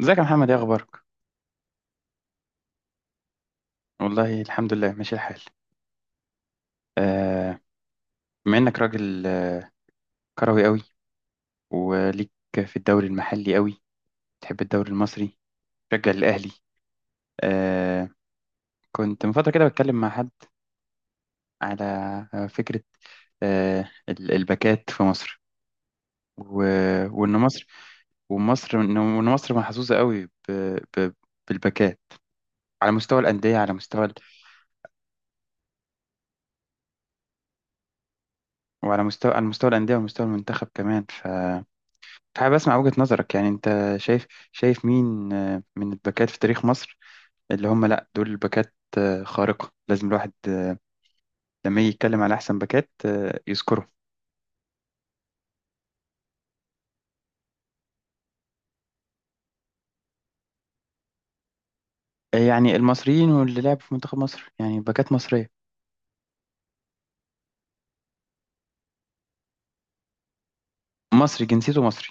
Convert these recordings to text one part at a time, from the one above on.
ازيك يا محمد ايه اخبارك؟ والله الحمد لله ماشي الحال. آه بما انك راجل كروي قوي وليك في الدوري المحلي قوي، تحب الدوري المصري؟ تشجع الاهلي؟ آه كنت من فتره كده بتكلم مع حد على فكره الباكات في مصر و... وان مصر ومصر وان وإن مصر محظوظه قوي ب... بالباكات، على مستوى الانديه، على مستوى وعلى مستوى الانديه ومستوى المنتخب كمان. حابب اسمع وجهة نظرك، يعني انت شايف مين من الباكات في تاريخ مصر، اللي هم لا دول الباكات خارقة، لازم الواحد لما يجي يتكلم على احسن باكات يذكره. يعني المصريين واللي لعبوا في منتخب مصر، يعني باكات مصرية، مصري جنسيته مصري.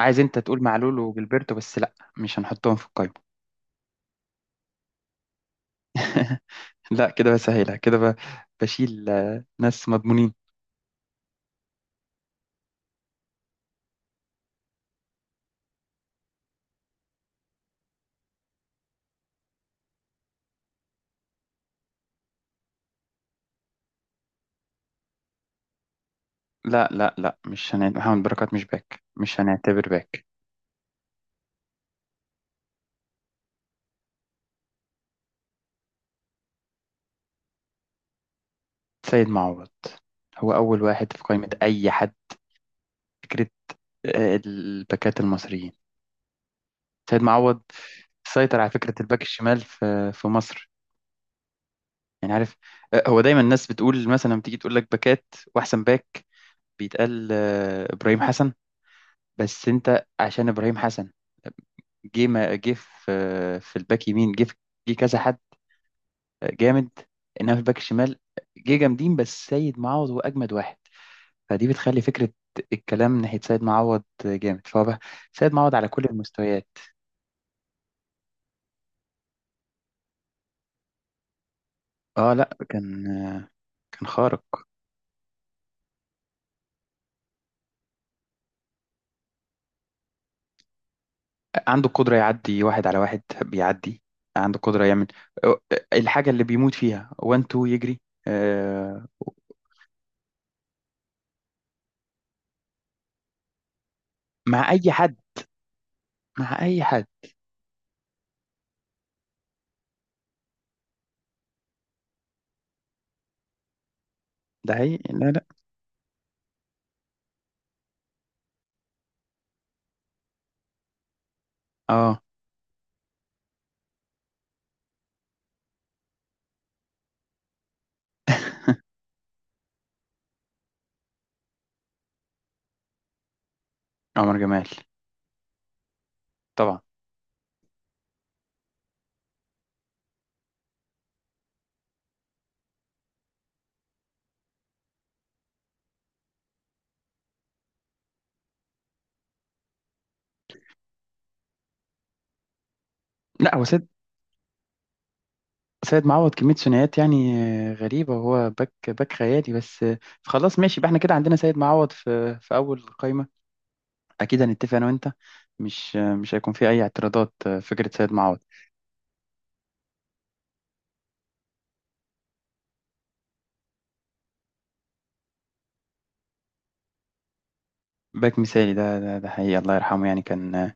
عايز انت تقول معلول وجilberto، بس لا مش هنحطهم في القائمة. لا كده بسهلها كده بشيل ناس مضمونين. لا مش هنعتبر محمد بركات، مش باك، مش هنعتبر باك. سيد معوض هو أول واحد في قائمة أي حد، فكرة الباكات المصريين. سيد معوض سيطر على فكرة الباك الشمال في مصر، يعني عارف؟ هو دايما الناس بتقول مثلا لما تيجي تقول لك باكات وأحسن باك، بيتقال إبراهيم حسن. بس أنت عشان إبراهيم حسن، جه ما جه في في الباك يمين، جه كذا حد جامد، إنما في الباك الشمال جه جامدين، بس سيد معوض هو أجمد واحد. فدي بتخلي فكرة الكلام ناحية سيد معوض جامد، فهو بقى سيد معوض على كل المستويات. اه لا كان، كان خارق. عنده قدرة يعدي واحد على واحد بيعدي، عنده قدرة يعمل الحاجة اللي بيموت فيها وان تو يجري. آه، مع أي حد، مع أي حد. ده هي، لا لا. اه. عمر جمال طبعا. لا هو سيد، سيد معوض كمية ثنائيات يعني غريبة، وهو باك، باك خيالي بس. خلاص ماشي، يبقى احنا كده عندنا سيد معوض في أول قائمة. اكيد هنتفق انا وانت، مش هيكون في اي اعتراضات. فكره سيد معوض. باك مثالي، ده ده حقيقي، الله يرحمه، يعني كان،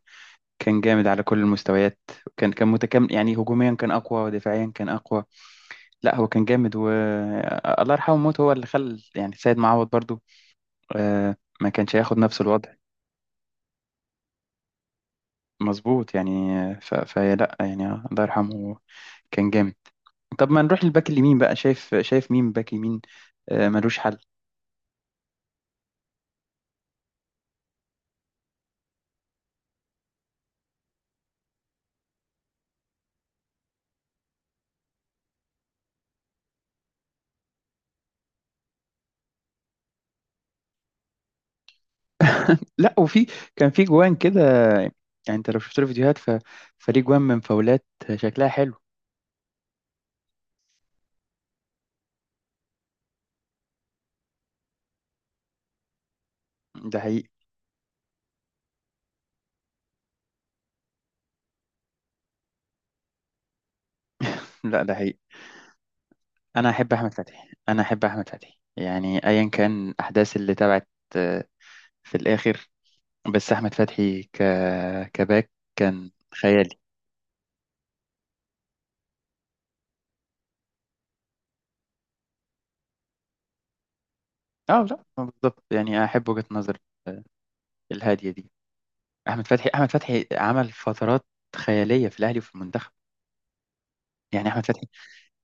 كان جامد على كل المستويات، وكان متكامل، يعني هجوميا كان اقوى ودفاعيا كان اقوى. لا هو كان جامد، و الله يرحمه موت هو اللي خل، يعني سيد معوض برضو ما كانش هياخد نفس الوضع. مظبوط يعني. فلا يعني الله يرحمه كان جامد. طب ما نروح للباك اليمين بقى، شايف مين باك يمين ملوش حل؟ لا وفي، كان في جوان كده، يعني انت لو شفت له فيديوهات فليه جوان من فاولات شكلها حلو. ده حقيقي. لا ده حقيقي، انا احب احمد فتحي، يعني ايا كان الاحداث اللي تبعت آه، في الاخر. بس احمد فتحي كباك كان خيالي. اه لا بالظبط، يعني احب وجهة نظر آه، الهادية دي. احمد فتحي، احمد فتحي عمل فترات خيالية في الاهلي وفي المنتخب. يعني احمد فتحي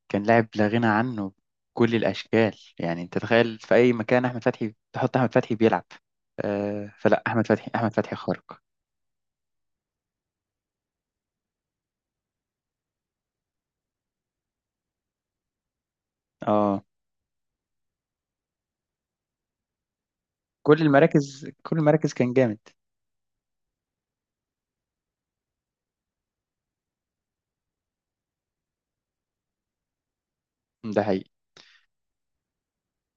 كان لاعب لا غنى عنه بكل الأشكال، يعني أنت تخيل في أي مكان أحمد فتحي تحط، أحمد فتحي بيلعب. فلا أحمد فتحي، أحمد فتحي خارق. آه كل المراكز كان جامد. ده حقيقي.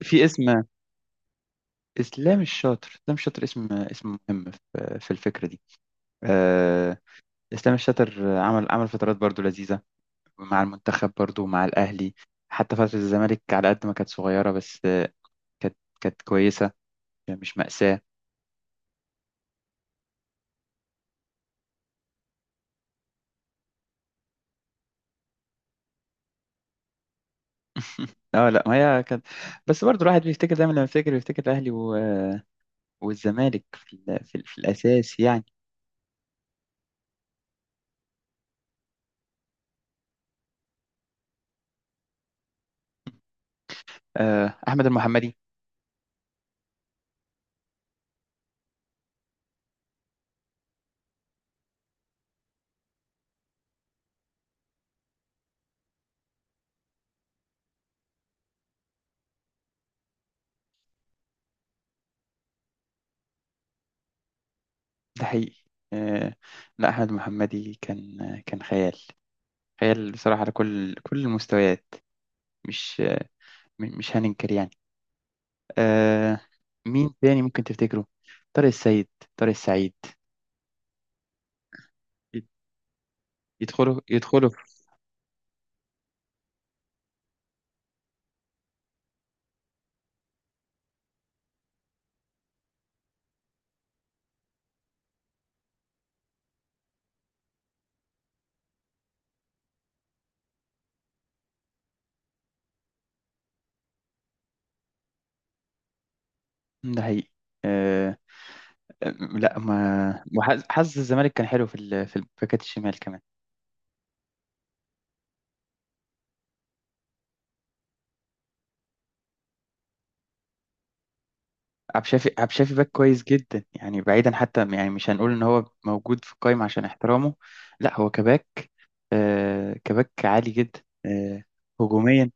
في اسم، إسلام الشاطر، إسلام الشاطر اسم، مهم في الفكرة دي. آه إسلام الشاطر عمل، فترات برضو لذيذة مع المنتخب، برضو مع الأهلي. حتى فترة الزمالك على قد ما كانت صغيرة بس كانت كويسة، مش مأساة. اه لا ما هي كانت، بس برضو الواحد بيفتكر دايما لما يفتكر، بيفتكر الاهلي والزمالك في في الاساس يعني. احمد المحمدي. ده حقيقي. آه لا احمد المحمدي كان، كان خيال، خيال بصراحة على كل المستويات. مش، مش هننكر يعني. آه مين تاني ممكن تفتكره؟ طارق السيد، طارق السعيد يدخلوا. ده حقيقي. آه لا ما حظ الزمالك كان حلو في في الباكات الشمال كمان. عبد الشافي، عبد الشافي باك كويس جدا، يعني بعيدا حتى، يعني مش هنقول ان هو موجود في القايمة عشان احترامه. لا هو كباك كباك عالي جدا. آه هجوميا.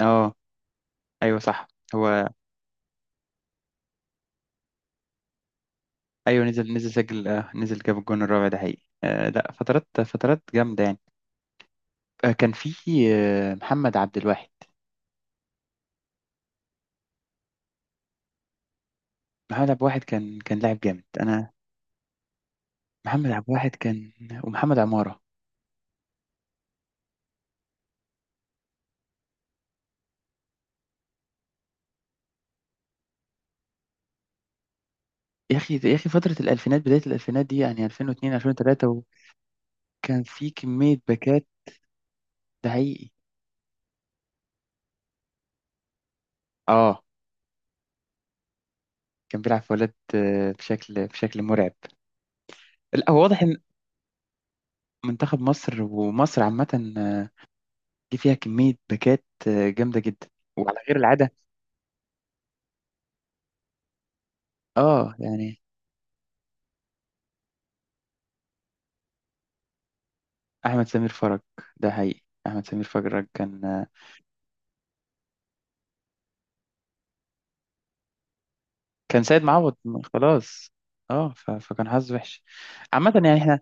اه ايوه صح، هو ايوه نزل، نزل سجل آه نزل جاب الجون الرابع، ده حقيقي. لا فترات، فترات جامدة يعني. آه كان في آه محمد عبد الواحد، محمد عبد الواحد كان، كان لاعب جامد، انا، محمد عبد الواحد كان، ومحمد عمارة. يا اخي، يا اخي، فترة الالفينات، بداية الالفينات دي، يعني 2002 2003، وكان في كمية باكات، ده حقيقي. اه كان بيلعب في ولاد بشكل مرعب. لا هو واضح ان منتخب مصر ومصر عامة آه، جه فيها كمية باكات جامدة جدا، وعلى غير العادة. اه يعني، احمد سمير فرج، ده حقيقي، احمد سمير فرج كان كان سيد معوض. خلاص، اه فكان حظ وحش عامة. يعني احنا،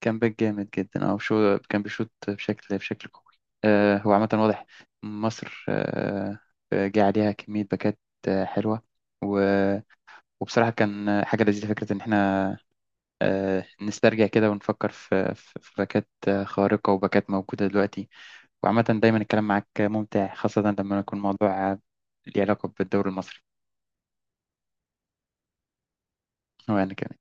كان باك جامد جدا، اه شو كان بيشوط بشكل قوي. هو عامة واضح مصر، جه عليها كمية باكات حلوة، و... وبصراحة كان حاجة لذيذة، فكرة إن احنا نسترجع كده ونفكر في باكات خارقة وباكات موجودة دلوقتي. وعامة دايما الكلام معاك ممتع، خاصة لما يكون موضوع ليه علاقة بالدوري المصري. وأنا كمان.